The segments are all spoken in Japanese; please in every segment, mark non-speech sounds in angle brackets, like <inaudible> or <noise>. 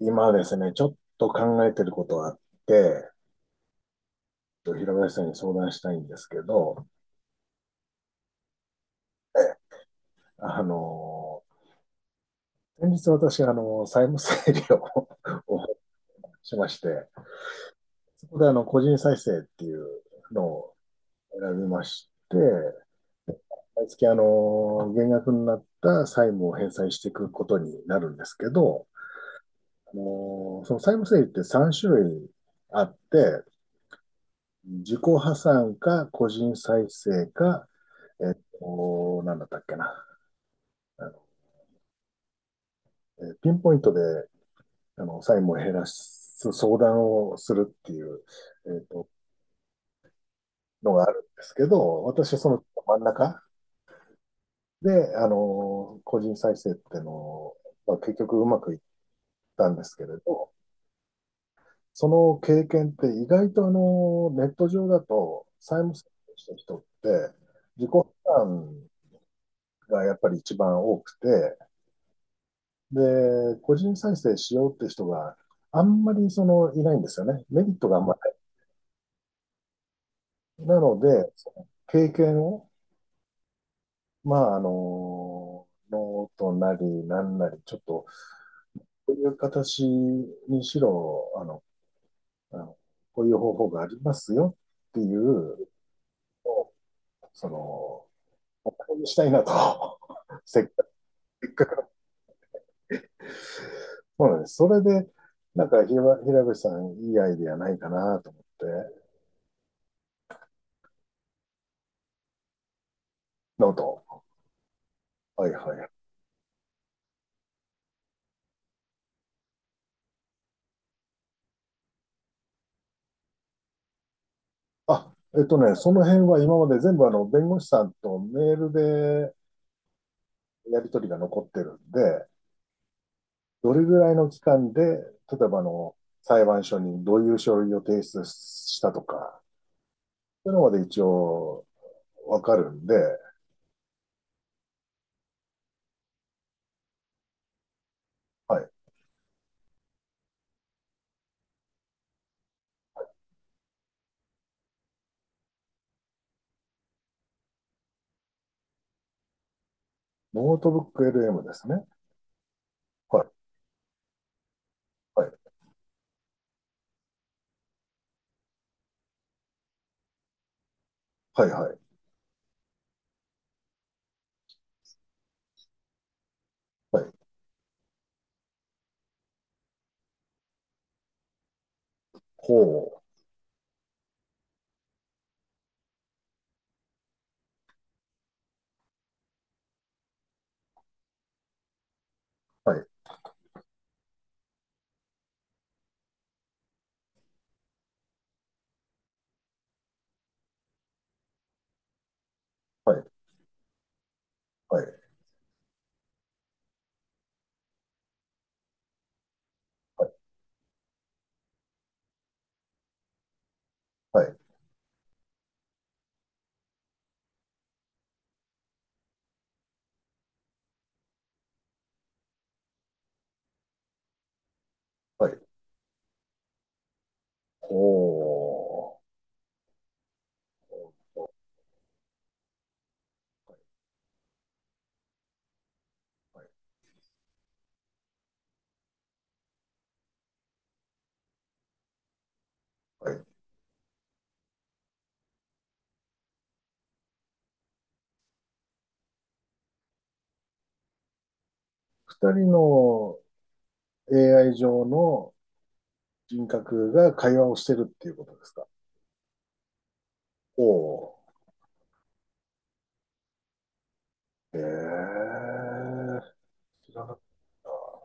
今ですね、ちょっと考えてることがあって、平林さんに相談したいんですけど、あの、先日私、債務整理を <laughs> をしまして、そこで個人再生っていうのを選びまして、毎月減額になった債務を返済していくことになるんですけど、その債務整理って3種類あって、自己破産か個人再生かなんだったっけな。あの、ピンポイントで、債務を減らす相談をするっていう、えっと、のがあるんですけど、私はその真ん中で、個人再生っていうのを、まあ、結局うまくいったんですけれど、その経験って意外とネット上だと、債務整理した人って、自己負担がやっぱり一番多くて、で、個人再生しようって人があんまりそのいないんですよね。メリットがあんまりない。なので、その経験を、まあ、ノートなりなんなり、ちょっと、こういう形にしろ、あのこういう方法がありますよっていうのを、その、したいなと。<laughs> せっかくせっかくそうなんです。それで、なんか平、ひら平口さん、いいアイディアないかなと思って、ノート。はいはい。あ、えっとね、その辺は今まで全部あの弁護士さんとメールでやり取りが残ってるんで、どれぐらいの期間で、例えばあの裁判所にどういう書類を提出したとか、そういうのまで一応わかるんで、はい。ノートブック LM ですね。はい、はい、はい、はい、はい。ほう、はい、はい、はい、はい、はい、はい、ほう。はい、はい、はい。二人の AI 上の人格が会話をしてるっていうことですか？おお。ええ、知らなかった。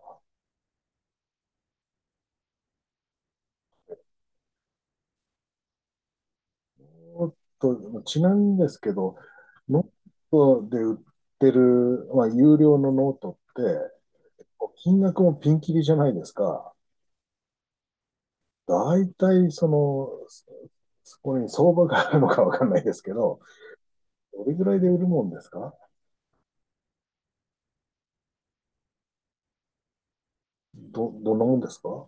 もっと、ちなみにですけど、ノートで売ってる、まあ、有料のノートって、金額もピンキリじゃないですか。大体、その、そこに相場があるのかわかんないですけど、どれぐらいで売るもんですか？どんなもんですか？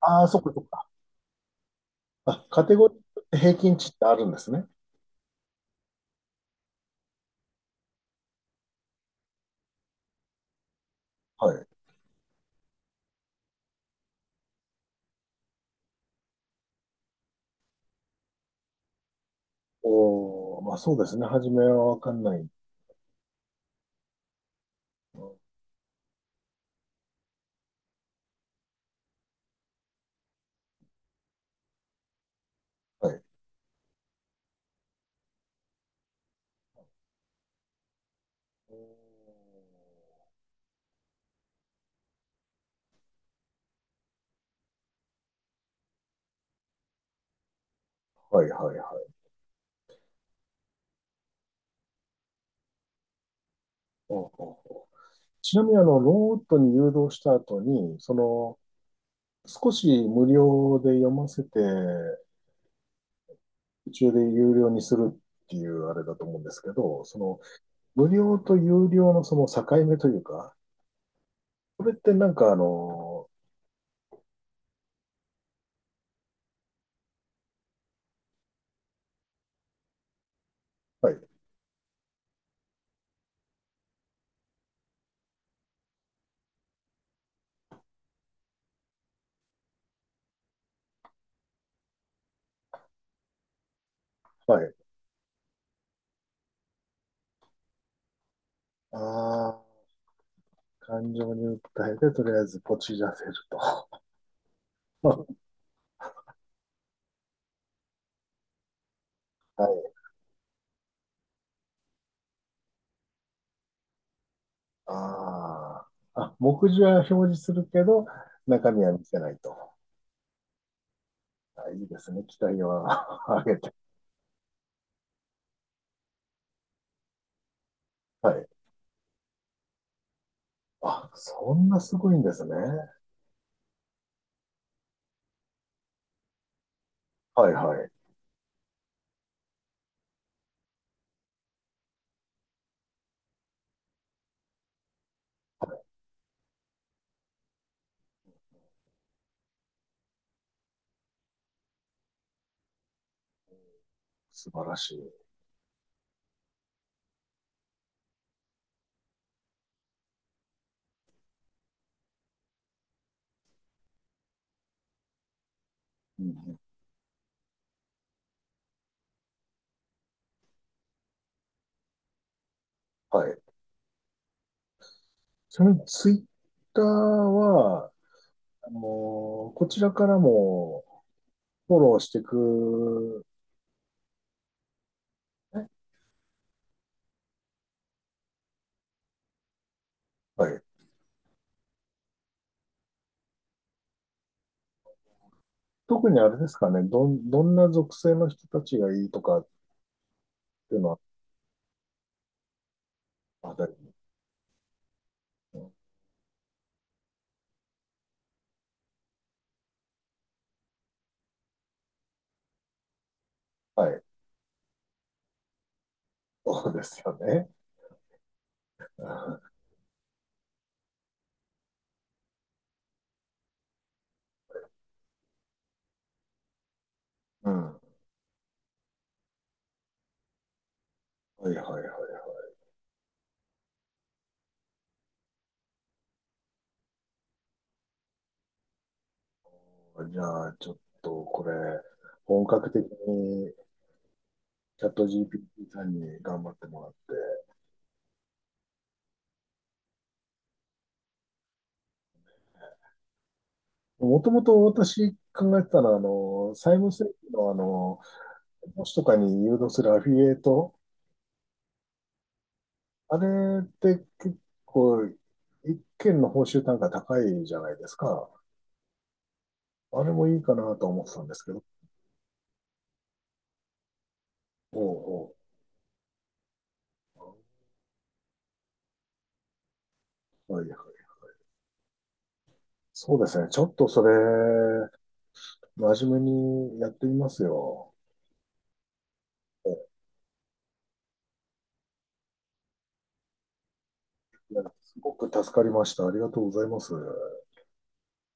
ああ、そっかそっか。あ、カテゴリー平均値ってあるんですね。はい。おお、まあそうですね。初めはわかんない。はい。はいはいはい。おうおうおう、ちなみにロートに誘導した後に、その、少し無料で読ませて、途中で有料にするっていうあれだと思うんですけど、その、無料と有料のその境目というか、これってなんか、はい、はい。ああ、感情に訴えて、とりあえずポチらせると。<laughs> ああ。あ、目次は表示するけど、中身は見せないと。あ、いいですね。期待は <laughs> 上げて。はい。あ、そんなすごいんですね。はいはい。素晴らしい。うんうん、はい。ちなみにツイッターは、あのーこちらからもフォローしていく、ね。はい。特にあれですかね。どんな属性の人たちがいいとかっていうのは、あ、はい。そうですよね。うん。はいはいはいはい。じゃあ、ちょっとこれ、本格的にチャット GPT さんに頑張ってもらって、もともと私考えてたのは、債務整理の、投資とかに誘導するアフィリエイト、あれって結構、一件の報酬単価高いじゃないですか。あれもいいかなと思ってたんですけど。おうおう、はいはい。そうですね。ちょっとそれ、真面目にやってみますよ。え、いやすごく助かりました。ありがとうございます。